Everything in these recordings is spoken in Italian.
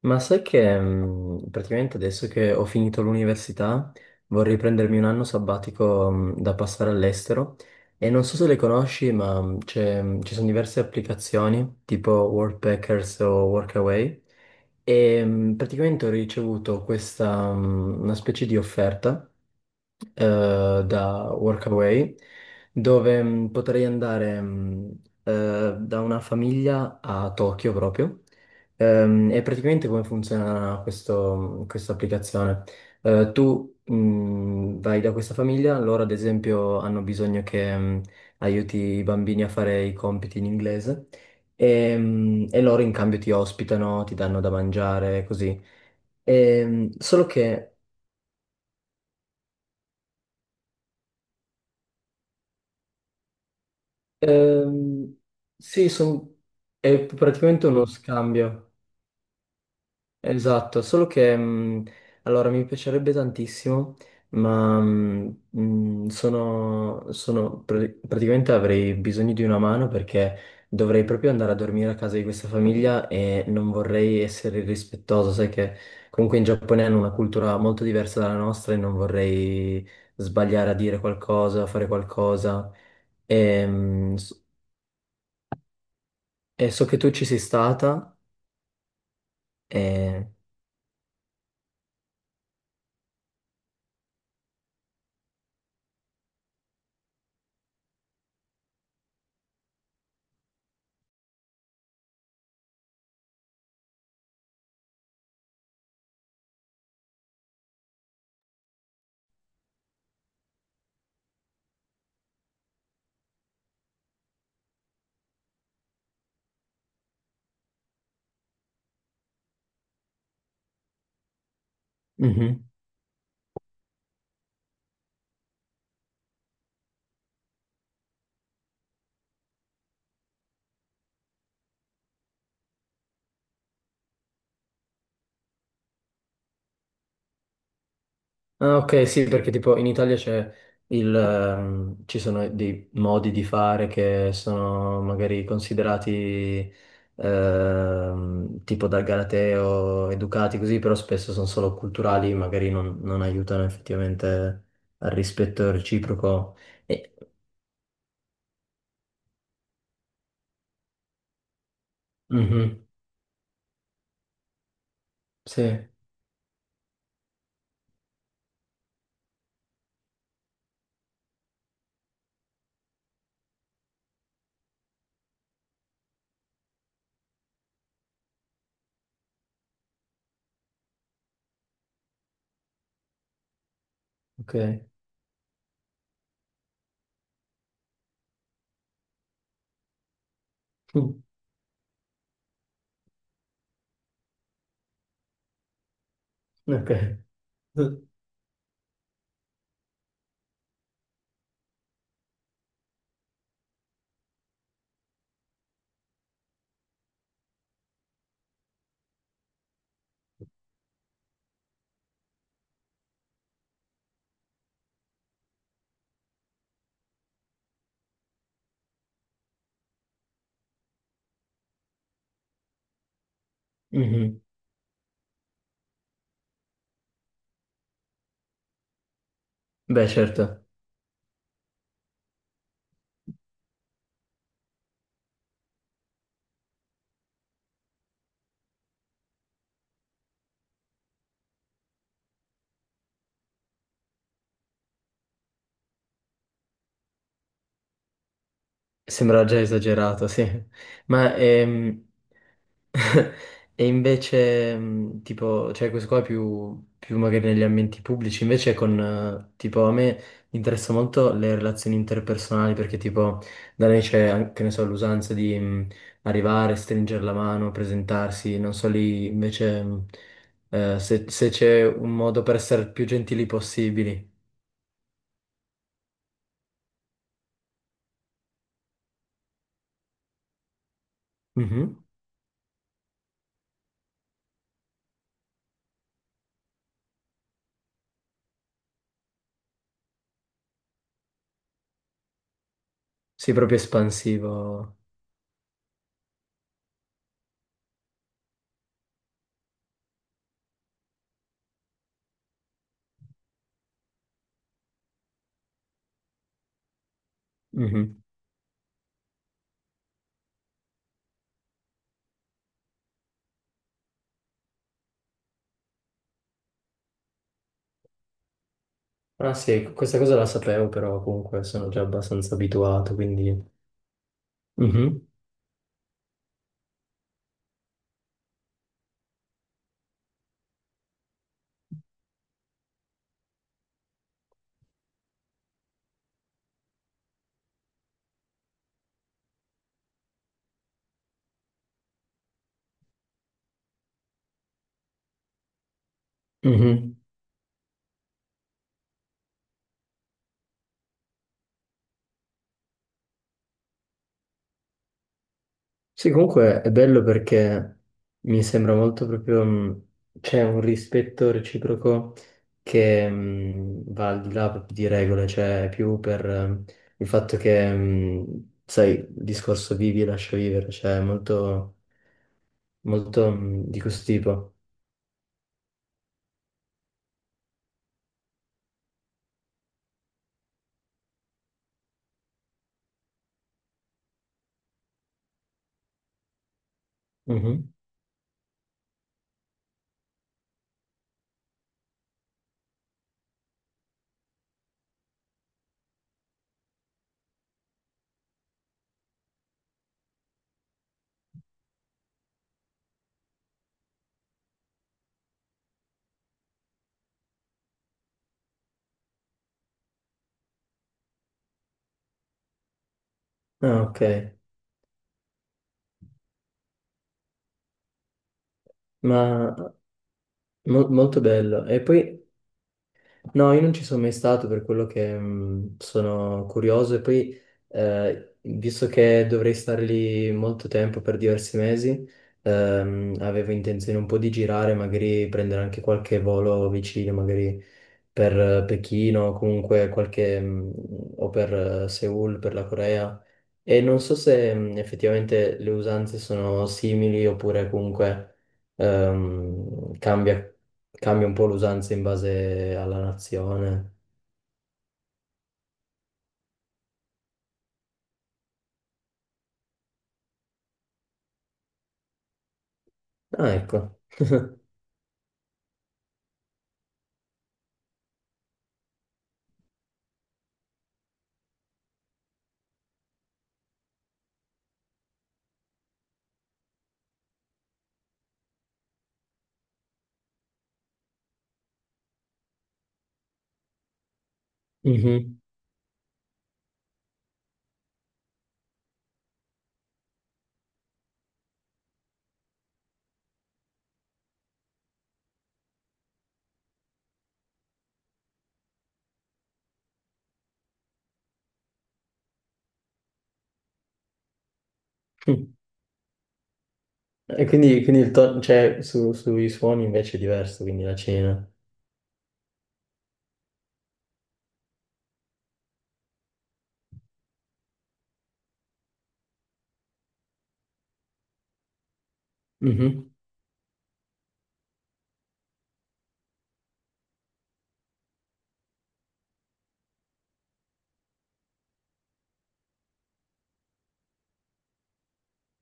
Ma sai che praticamente adesso che ho finito l'università vorrei prendermi un anno sabbatico da passare all'estero e non so se le conosci, ma ci sono diverse applicazioni tipo Workpackers o Workaway e praticamente ho ricevuto questa una specie di offerta da Workaway, dove potrei andare da una famiglia a Tokyo proprio. E praticamente come funziona questa applicazione? Tu vai da questa famiglia, loro ad esempio hanno bisogno che aiuti i bambini a fare i compiti in inglese. E loro in cambio ti ospitano, ti danno da mangiare, così. Solo che Ehm, sì, è praticamente uno scambio, esatto, solo che allora mi piacerebbe tantissimo, ma praticamente avrei bisogno di una mano perché dovrei proprio andare a dormire a casa di questa famiglia e non vorrei essere irrispettoso, sai che comunque in Giappone hanno una cultura molto diversa dalla nostra e non vorrei sbagliare a dire qualcosa, a fare qualcosa. Ehm, E so che tu ci sei stata e... Mhm. Ah, ok, sì, perché tipo in Italia c'è ci sono dei modi di fare che sono magari considerati tipo dal Galateo, educati così, però spesso sono solo culturali, magari non aiutano effettivamente al rispetto reciproco. E... Mhm. Sì, ok. Mm. Ok. Mhm. Beh, certo. Sembra già esagerato, sì. Ma e invece, tipo, cioè questo qua è più magari negli ambienti pubblici, invece con, tipo, a me interessa molto le relazioni interpersonali perché, tipo, da noi c'è, anche, che ne so, l'usanza di arrivare, stringere la mano, presentarsi, non so lì, invece, se c'è un modo per essere più gentili possibili. Mhm. Sì, proprio espansivo. Mhm. Ah sì, questa cosa la sapevo, però comunque sono già abbastanza abituato, quindi... Mhm, mhm. Sì, comunque è bello perché mi sembra molto proprio... c'è un rispetto reciproco che va al di là proprio di regole, cioè è più per il fatto che, sai, il discorso vivi e lascia vivere, cioè è molto di questo tipo. Mhm. Ah, ok, ma molto bello. E poi... No, io non ci sono mai stato per quello che sono curioso e poi, visto che dovrei stare lì molto tempo per diversi mesi, avevo intenzione un po' di girare, magari prendere anche qualche volo vicino, magari per Pechino o comunque qualche, o per Seoul, per la Corea, e non so se effettivamente le usanze sono simili oppure comunque ehm, cambia, cambia un po' l'usanza in base alla nazione. Ah, ecco. Mhm. E quindi, quindi cioè, sui suoni invece è diverso, quindi la Cina.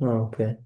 Ah, ok.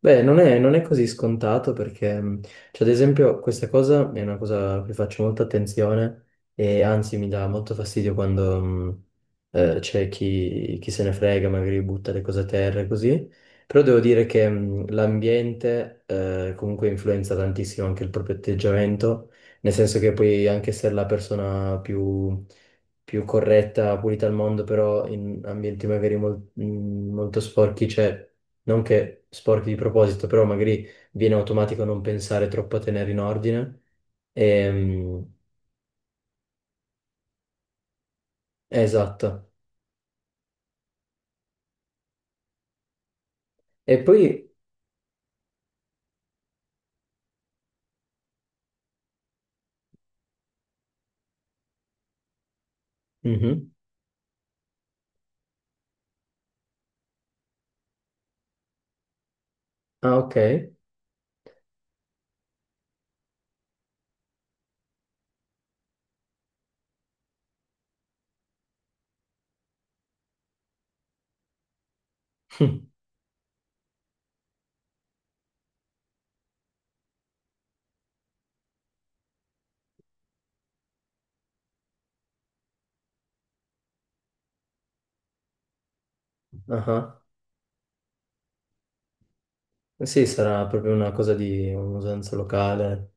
Beh, non è così scontato perché, cioè, ad esempio, questa cosa è una cosa a cui faccio molta attenzione e anzi mi dà molto fastidio quando c'è chi se ne frega, magari butta le cose a terra e così. Però devo dire che l'ambiente comunque influenza tantissimo anche il proprio atteggiamento, nel senso che puoi anche essere la più corretta, pulita al mondo, però in ambienti magari molto sporchi c'è non che sporchi di proposito, però magari viene automatico non pensare troppo a tenere in ordine. Ehm, esatto. E poi... mhm. Ah, ok. Ah, ah. Sì, sarà proprio una cosa di un'usanza locale.